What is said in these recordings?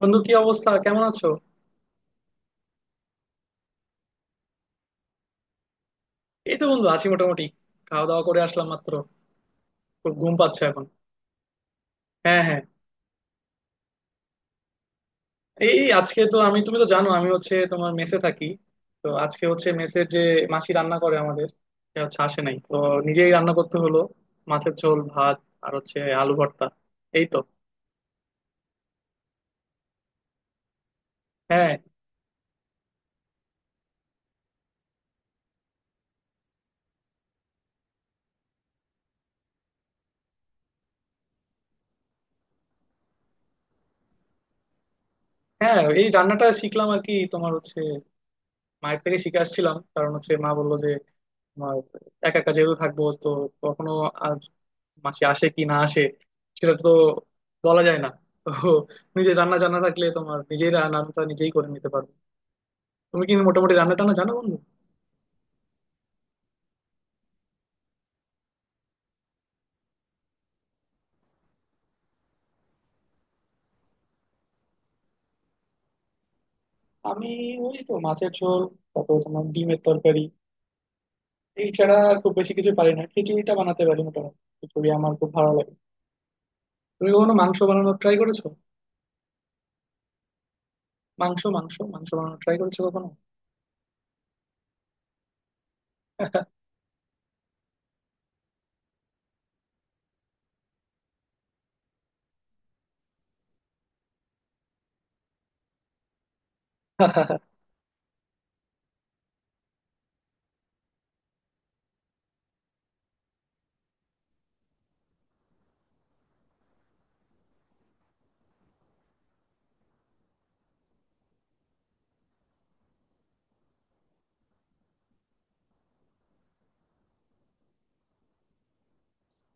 বন্ধু, কি অবস্থা? কেমন আছো? এই তো বন্ধু, আছি মোটামুটি। খাওয়া দাওয়া করে আসলাম মাত্র। খুব ঘুম পাচ্ছে এখন। হ্যাঁ, হ্যাঁ। এই এই আজকে তো আমি, তুমি তো জানো আমি হচ্ছে তোমার মেসে থাকি। তো আজকে হচ্ছে মেসের যে মাসি রান্না করে আমাদের, সে হচ্ছে আসে নাই তো নিজেই রান্না করতে হলো। মাছের ঝোল ভাত, আর হচ্ছে আলু ভর্তা, এই তো। হ্যাঁ, হ্যাঁ। এই রান্নাটা শিখলাম আর কি, তোমার হচ্ছে মায়ের থেকে শিখে আসছিলাম। কারণ হচ্ছে মা বললো যে তোমার একা একা যেহেতু থাকবো, তো কখনো মাসি আসে কি না আসে সেটা তো বলা যায় না। তো নিজে রান্না জানা থাকলে তোমার নিজেই রান্নাটা নিজেই করে নিতে পারবে। তুমি কি মোটামুটি রান্না টান্না জানো বন্ধু? আমি, ওই তো মাছের ঝোল, তারপর তোমার ডিমের তরকারি, এই ছাড়া খুব বেশি কিছু পারি না। খিচুড়িটা বানাতে পারি মোটামুটি, খিচুড়ি আমার খুব ভালো লাগে। তুমি কখনো মাংস বানানোর ট্রাই করেছো? মাংস মাংস মাংস বানানোর ট্রাই করেছো কখনো?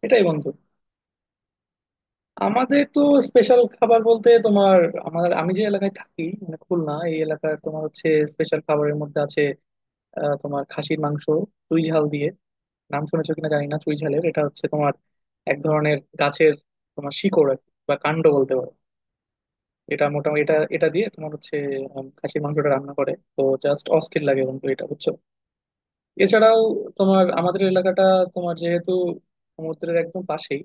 এটাই বন্ধু, আমাদের তো স্পেশাল খাবার বলতে তোমার, আমার, আমি যে এলাকায় থাকি মানে খুলনা, এই এলাকার তোমার হচ্ছে স্পেশাল খাবারের মধ্যে আছে তোমার খাসির মাংস, চুই ঝাল দিয়ে। নাম শুনেছো কিনা জানি না, চুই ঝালের এটা হচ্ছে তোমার এক ধরনের গাছের তোমার শিকড় আর কি, বা কাণ্ড বলতে পারো। এটা মোটামুটি এটা এটা দিয়ে তোমার হচ্ছে খাসির মাংসটা রান্না করে তো জাস্ট অস্থির লাগে বন্ধু, এটা বুঝছো? এছাড়াও তোমার আমাদের এলাকাটা তোমার যেহেতু সমুদ্রের একদম পাশেই,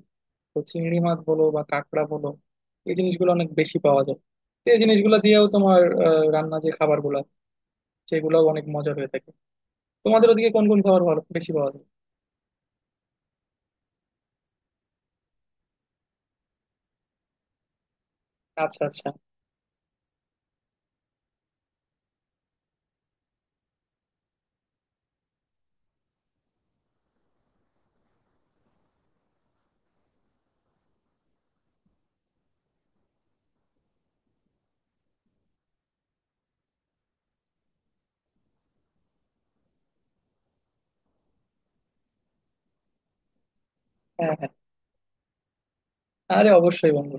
তো চিংড়ি মাছ বলো বা কাঁকড়া বলো, এই জিনিসগুলো অনেক বেশি পাওয়া যায়। তো এই জিনিসগুলো দিয়েও তোমার রান্না যে খাবারগুলো, সেগুলোও অনেক মজা হয়ে থাকে। তোমাদের ওদিকে কোন কোন খাবার ভালো বেশি পাওয়া যায়? আচ্ছা, আচ্ছা। হ্যাঁ, হ্যাঁ। আরে অবশ্যই বন্ধু।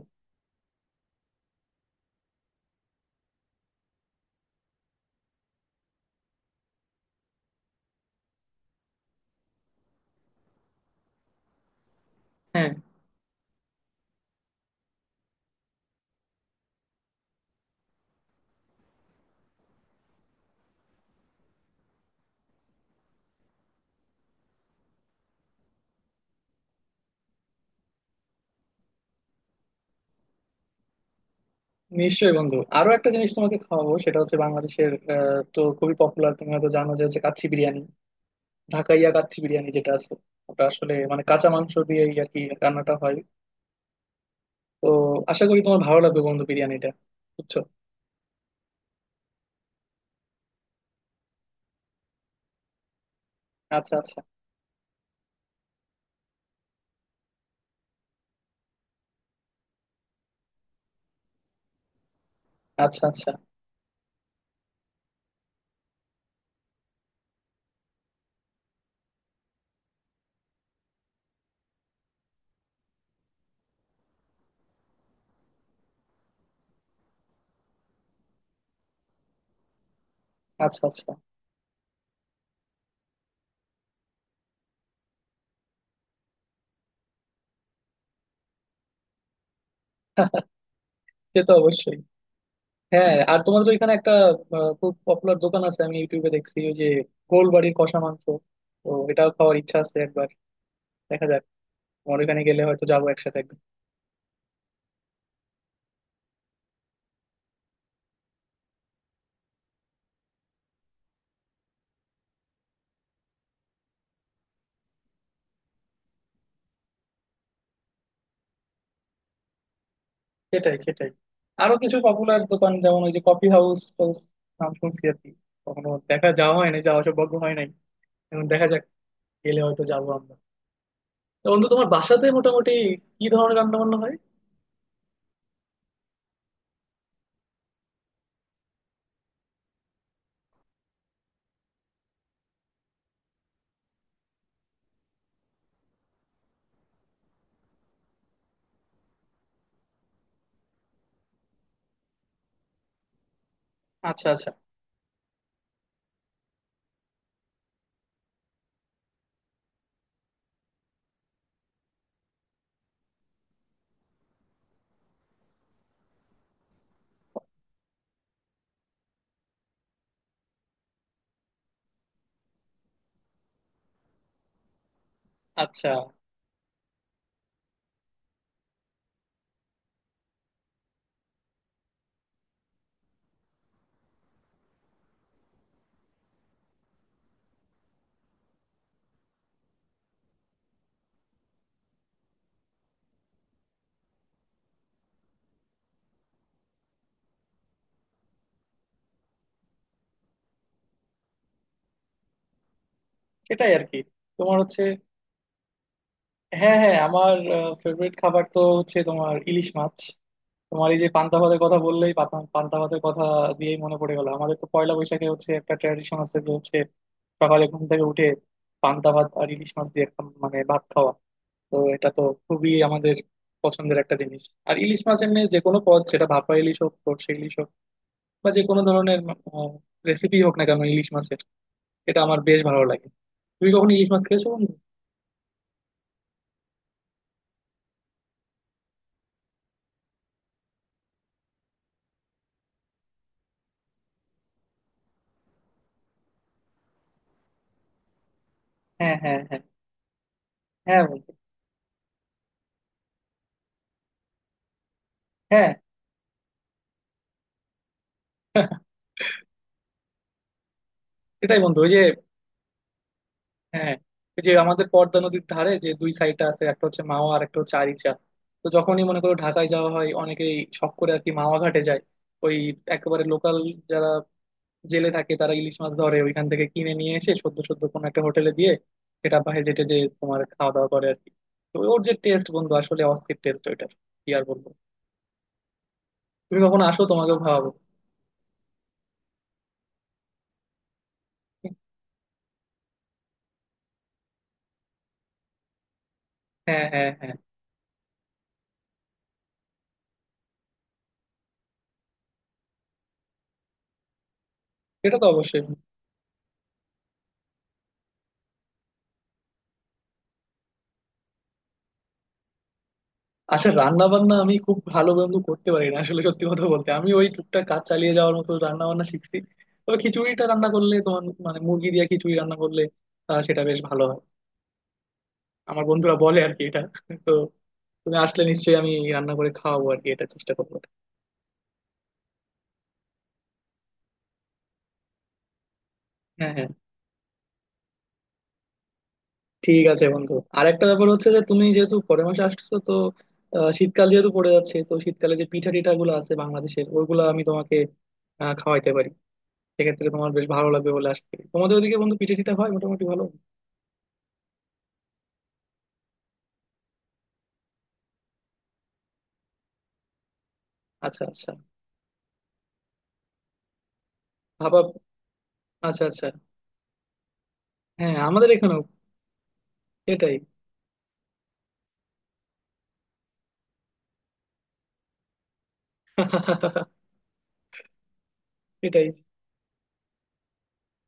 হ্যাঁ। নিশ্চয়ই বন্ধু, আরো একটা জিনিস তোমাকে খাওয়াবো। সেটা হচ্ছে বাংলাদেশের তো খুবই পপুলার, তুমি হয়তো জানো, যে হচ্ছে কাচ্চি বিরিয়ানি। ঢাকাইয়া কাচ্চি বিরিয়ানি যেটা আছে, ওটা আসলে মানে কাঁচা মাংস দিয়েই আর কি রান্নাটা হয়। তো আশা করি তোমার ভালো লাগবে বন্ধু বিরিয়ানিটা, বুঝছো? আচ্ছা, আচ্ছা, আচ্ছা, আচ্ছা, আচ্ছা, আচ্ছা। সে তো অবশ্যই। হ্যাঁ, আর তোমাদের ওইখানে একটা খুব পপুলার দোকান আছে, আমি ইউটিউবে দেখছি ওই যে গোলবাড়ির কষা মাংস। তো এটাও খাওয়ার ইচ্ছা আছে একবার, দেখা যাক, তোমার ওখানে গেলে হয়তো যাবো একসাথে একদম। সেটাই, সেটাই। আরো কিছু পপুলার দোকান যেমন ওই যে কফি হাউস টাউস, নাম শুনছি আর কি, কখনো দেখা যাওয়া হয় নাই, যাওয়া সৌভাগ্য হয় নাই। এখন দেখা যাক, গেলে হয়তো যাবো আমরা। তো বন্ধু, তোমার বাসাতে মোটামুটি কি ধরনের রান্না বান্না হয়? আচ্ছা, আচ্ছা, আচ্ছা। সেটাই আর কি। তোমার হচ্ছে, হ্যাঁ হ্যাঁ, আমার ফেভারিট খাবার তো হচ্ছে তোমার ইলিশ মাছ। তোমার এই যে পান্তা ভাতের কথা বললেই পান্তা ভাতের কথা দিয়েই মনে পড়ে গেল, আমাদের তো পয়লা বৈশাখে হচ্ছে একটা ট্র্যাডিশন আছে যে হচ্ছে সকালে ঘুম থেকে উঠে পান্তা ভাত আর ইলিশ মাছ দিয়ে একটা মানে ভাত খাওয়া। তো এটা তো খুবই আমাদের পছন্দের একটা জিনিস। আর ইলিশ মাছ এমনি যে কোনো পদ, সেটা ভাপা ইলিশ হোক, সর্ষে ইলিশ হোক, বা যে কোনো ধরনের রেসিপি হোক না কেন ইলিশ মাছের, এটা আমার বেশ ভালো লাগে। তুমি কখন ইলিশ মাছ খেয়েছো বন্ধু? হ্যাঁ, হ্যাঁ, হ্যাঁ। হ্যাঁ বন্ধু। হ্যাঁ। সেটাই বন্ধু, ওই যে। হ্যাঁ। ওই যে আমাদের পদ্মা নদীর ধারে যে দুই সাইডটা আছে, একটা হচ্ছে মাওয়া আর একটা হচ্ছে আরিচা। তো যখনই মনে করো ঢাকায় যাওয়া হয় অনেকেই শখ করে আর কি মাওয়া ঘাটে যায়। ওই একেবারে লোকাল যারা জেলে থাকে তারা ইলিশ মাছ ধরে, ওইখান থেকে কিনে নিয়ে এসে সদ্য সদ্য কোনো একটা হোটেলে দিয়ে সেটা বাইরে যেটে যে তোমার খাওয়া দাওয়া করে আর কি। তো ওর যে টেস্ট বন্ধু, আসলে অস্থির টেস্ট ওইটার, কি আর বলবো। তুমি কখন আসো, তোমাকেও খাওয়াবো। হ্যাঁ, হ্যাঁ, হ্যাঁ। সেটা তো অবশ্যই। আচ্ছা, রান্না বান্না আমি খুব ভালো বন্ধু করতে পারি না আসলে, সত্যি কথা বলতে আমি ওই টুকটাক কাজ চালিয়ে যাওয়ার মতো রান্না বান্না শিখছি। তবে খিচুড়িটা রান্না করলে তোমার মানে মুরগি দিয়ে খিচুড়ি রান্না করলে সেটা বেশ ভালো হয়, আমার বন্ধুরা বলে আর কি এটা। তো তুমি আসলে নিশ্চয়ই আমি রান্না করে খাওয়াবো আর কি, এটা চেষ্টা করবো। হ্যাঁ, হ্যাঁ। ঠিক আছে বন্ধু, আর একটা ব্যাপার হচ্ছে যে তুমি যেহেতু পরের মাসে আসতেছো, তো শীতকাল যেহেতু পড়ে যাচ্ছে, তো শীতকালে যে পিঠা টিঠা গুলো আছে বাংলাদেশের, ওইগুলো আমি তোমাকে খাওয়াইতে পারি। সেক্ষেত্রে তোমার বেশ ভালো লাগবে বলে আশা করি। তোমাদের ওদিকে বন্ধু পিঠে টিঠা হয় মোটামুটি ভালো? আচ্ছা, আচ্ছা। ভাপা। আচ্ছা, আচ্ছা। হ্যাঁ, আমাদের এখানেও এটাই। এটাই।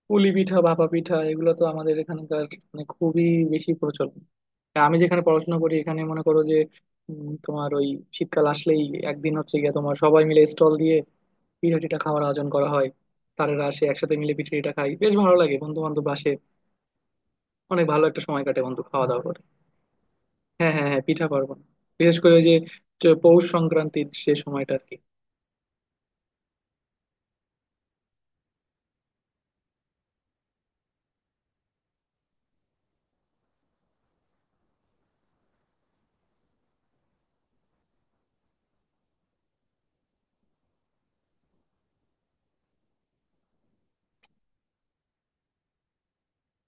পুলি পিঠা, ভাপা পিঠা এগুলো তো আমাদের এখানকার মানে খুবই বেশি প্রচলন। আমি যেখানে পড়াশোনা করি, এখানে মনে করো যে তোমার ওই শীতকাল আসলেই একদিন হচ্ছে গিয়ে তোমার সবাই মিলে স্টল দিয়ে পিঠা টিঠা খাওয়ার আয়োজন করা হয়। তারেরা আসে একসাথে, মিলে পিঠা টিঠা খাই, বেশ ভালো লাগে, বন্ধু বান্ধব আসে, অনেক ভালো একটা সময় কাটে বন্ধু খাওয়া দাওয়া করে। হ্যাঁ, হ্যাঁ, হ্যাঁ, পিঠা পার্বণ। বিশেষ করে ওই যে পৌষ সংক্রান্তির সে সময়টা আর কি।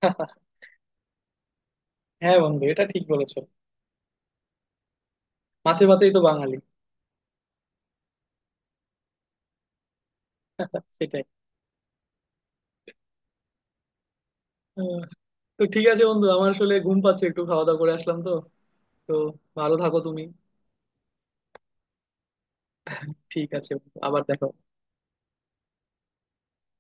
হ্যাঁ বন্ধু, এটা ঠিক বলেছো। মাছে ভাতেই তো বাঙালি। সেটাই। আহ, তো ঠিক আছে বন্ধু, আমার আসলে ঘুম পাচ্ছে, একটু খাওয়া দাওয়া করে আসলাম তো তো ভালো থাকো তুমি। ঠিক আছে বন্ধু, আবার দেখা হবে।